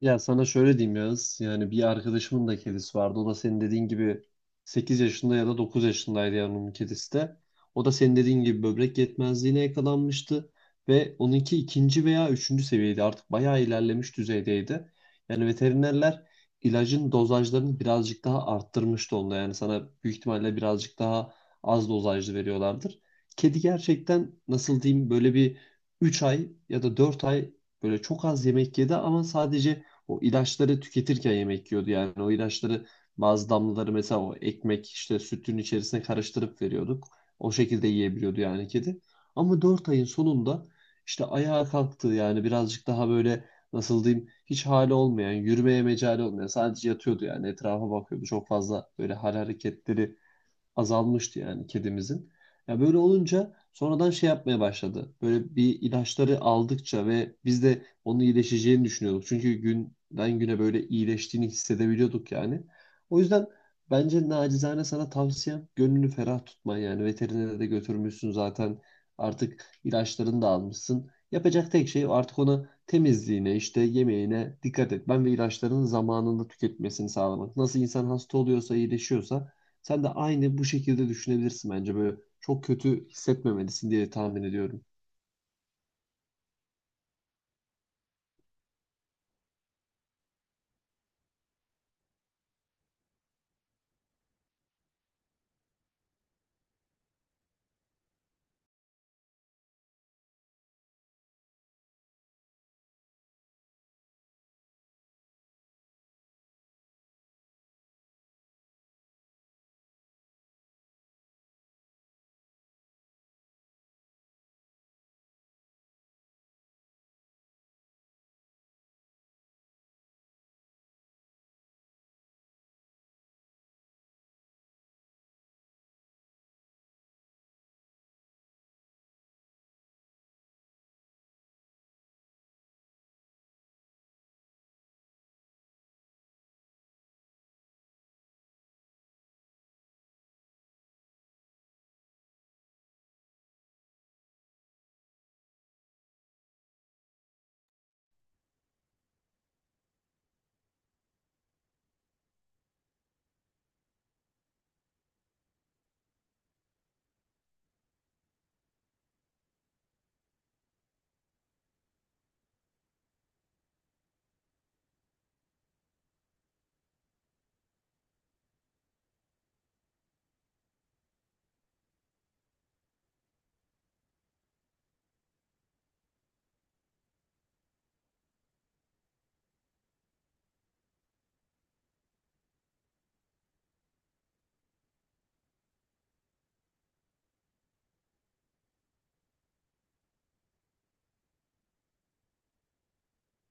Ya sana şöyle diyeyim Yağız. Yani bir arkadaşımın da kedisi vardı. O da senin dediğin gibi 8 yaşında ya da 9 yaşındaydı yani onun kedisi de. O da senin dediğin gibi böbrek yetmezliğine yakalanmıştı. Ve onunki ikinci veya üçüncü seviyeydi. Artık bayağı ilerlemiş düzeydeydi. Yani veterinerler ilacın dozajlarını birazcık daha arttırmıştı onda. Yani sana büyük ihtimalle birazcık daha az dozajlı veriyorlardır. Kedi gerçekten nasıl diyeyim böyle bir 3 ay ya da 4 ay böyle çok az yemek yedi ama sadece o ilaçları tüketirken yemek yiyordu. Yani o ilaçları bazı damlaları mesela o ekmek işte sütün içerisine karıştırıp veriyorduk. O şekilde yiyebiliyordu yani kedi. Ama 4 ayın sonunda işte ayağa kalktı yani birazcık daha böyle nasıl diyeyim hiç hali olmayan, yürümeye mecali olmayan sadece yatıyordu yani etrafa bakıyordu. Çok fazla böyle hal hareketleri azalmıştı yani kedimizin. Ya böyle olunca sonradan şey yapmaya başladı. Böyle bir ilaçları aldıkça ve biz de onun iyileşeceğini düşünüyorduk. Çünkü günden güne böyle iyileştiğini hissedebiliyorduk yani. O yüzden bence nacizane sana tavsiyem gönlünü ferah tutman yani. Veterinere de götürmüşsün zaten. Artık ilaçlarını da almışsın. Yapacak tek şey artık ona temizliğine, işte yemeğine dikkat etmen ve ilaçlarının zamanında tüketmesini sağlamak. Nasıl insan hasta oluyorsa, iyileşiyorsa sen de aynı bu şekilde düşünebilirsin bence. Böyle çok kötü hissetmemelisin diye tahmin ediyorum.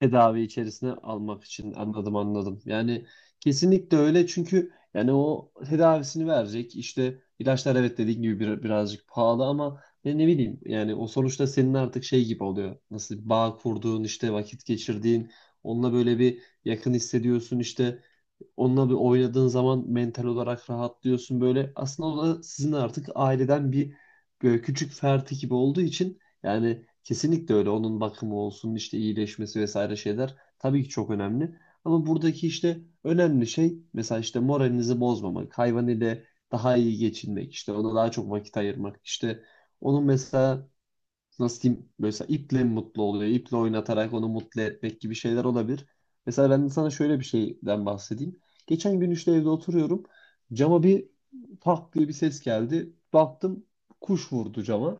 Tedavi içerisine almak için anladım anladım. Yani kesinlikle öyle çünkü yani o tedavisini verecek işte ilaçlar evet dediğin gibi birazcık pahalı ama ne bileyim yani o sonuçta senin artık şey gibi oluyor. Nasıl bağ kurduğun işte vakit geçirdiğin onunla böyle bir yakın hissediyorsun işte onunla bir oynadığın zaman mental olarak rahatlıyorsun böyle. Aslında o da sizin artık aileden bir böyle küçük ferdi gibi olduğu için yani kesinlikle öyle onun bakımı olsun işte iyileşmesi vesaire şeyler tabii ki çok önemli. Ama buradaki işte önemli şey mesela işte moralinizi bozmamak, hayvan ile daha iyi geçinmek, işte ona daha çok vakit ayırmak, işte onun mesela nasıl diyeyim mesela iple mi mutlu oluyor? İple oynatarak onu mutlu etmek gibi şeyler olabilir. Mesela ben de sana şöyle bir şeyden bahsedeyim. Geçen gün işte evde oturuyorum. Cama bir tak diye bir ses geldi. Baktım kuş vurdu cama.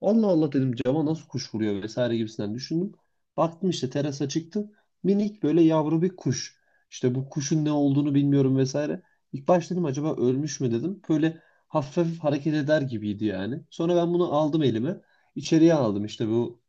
Allah Allah dedim cama nasıl kuş vuruyor vesaire gibisinden düşündüm. Baktım işte terasa çıktım. Minik böyle yavru bir kuş. İşte bu kuşun ne olduğunu bilmiyorum vesaire. İlk başta dedim acaba ölmüş mü dedim. Böyle hafif hafif hareket eder gibiydi yani. Sonra ben bunu aldım elime içeriye aldım. İşte bu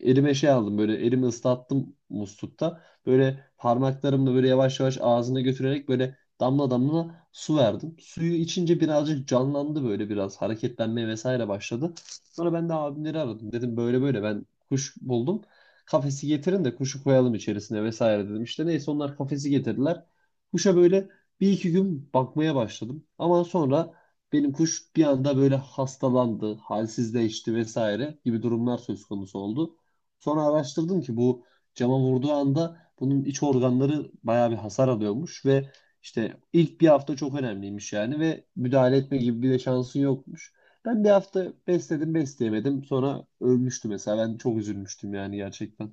elime şey aldım böyle elimi ıslattım muslukta. Böyle parmaklarımla böyle yavaş yavaş ağzına götürerek böyle damla damla su verdim. Suyu içince birazcık canlandı böyle biraz hareketlenmeye vesaire başladı. Sonra ben de abimleri aradım. Dedim böyle böyle ben kuş buldum. Kafesi getirin de kuşu koyalım içerisine vesaire dedim. İşte neyse onlar kafesi getirdiler. Kuşa böyle bir iki gün bakmaya başladım. Ama sonra benim kuş bir anda böyle hastalandı, halsizleşti vesaire gibi durumlar söz konusu oldu. Sonra araştırdım ki bu cama vurduğu anda bunun iç organları bayağı bir hasar alıyormuş ve işte ilk bir hafta çok önemliymiş yani ve müdahale etme gibi bir de şansın yokmuş. Ben bir hafta besledim besleyemedim sonra ölmüştü mesela ben çok üzülmüştüm yani gerçekten.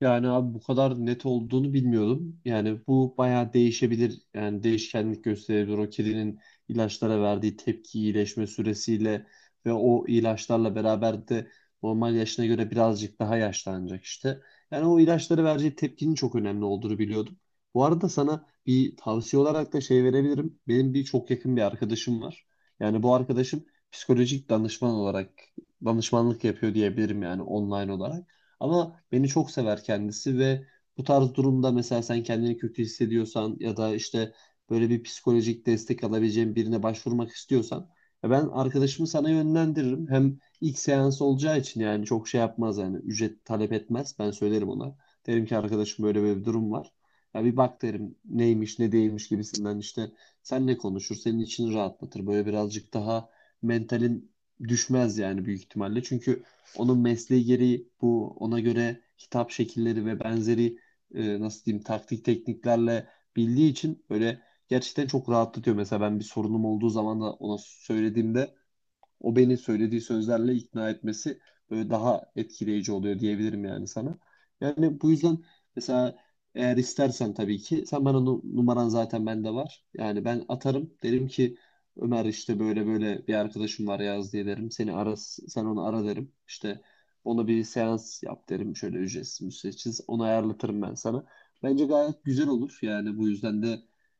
Yani abi bu kadar net olduğunu bilmiyordum. Yani bu bayağı değişebilir. Yani değişkenlik gösterebilir. O kedinin ilaçlara verdiği tepki iyileşme süresiyle ve o ilaçlarla beraber de normal yaşına göre birazcık daha yaşlanacak işte. Yani o ilaçları vereceği tepkinin çok önemli olduğunu biliyordum. Bu arada sana bir tavsiye olarak da şey verebilirim. Benim bir çok yakın bir arkadaşım var. Yani bu arkadaşım psikolojik danışman olarak danışmanlık yapıyor diyebilirim yani online olarak. Ama beni çok sever kendisi ve bu tarz durumda mesela sen kendini kötü hissediyorsan ya da işte böyle bir psikolojik destek alabileceğin birine başvurmak istiyorsan ya ben arkadaşımı sana yönlendiririm. Hem ilk seans olacağı için yani çok şey yapmaz yani ücret talep etmez. Ben söylerim ona. Derim ki arkadaşım böyle böyle bir durum var. Ya bir bak derim neymiş ne değilmiş gibisinden işte senle konuşur senin için rahatlatır. Böyle birazcık daha mentalin düşmez yani büyük ihtimalle. Çünkü onun mesleği gereği bu ona göre hitap şekilleri ve benzeri nasıl diyeyim taktik tekniklerle bildiği için böyle gerçekten çok rahatlatıyor. Mesela ben bir sorunum olduğu zaman da ona söylediğimde o beni söylediği sözlerle ikna etmesi böyle daha etkileyici oluyor diyebilirim yani sana. Yani bu yüzden mesela eğer istersen tabii ki sen bana numaran zaten bende var. Yani ben atarım derim ki Ömer işte böyle böyle bir arkadaşım var yaz diye derim. Seni ara sen onu ara derim. İşte ona bir seans yap derim. Şöyle ücretsiz müsteşsiz onu ayarlatırım ben sana. Bence gayet güzel olur yani bu yüzden de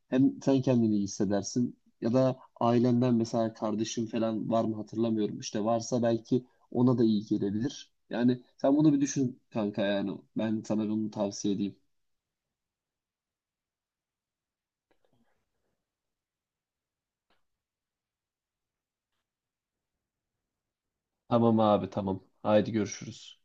hem sen kendini iyi hissedersin ya da ailemden mesela kardeşim falan var mı hatırlamıyorum. İşte varsa belki ona da iyi gelebilir. Yani sen bunu bir düşün kanka yani. Ben sana bunu tavsiye edeyim. Tamam abi tamam. Haydi görüşürüz.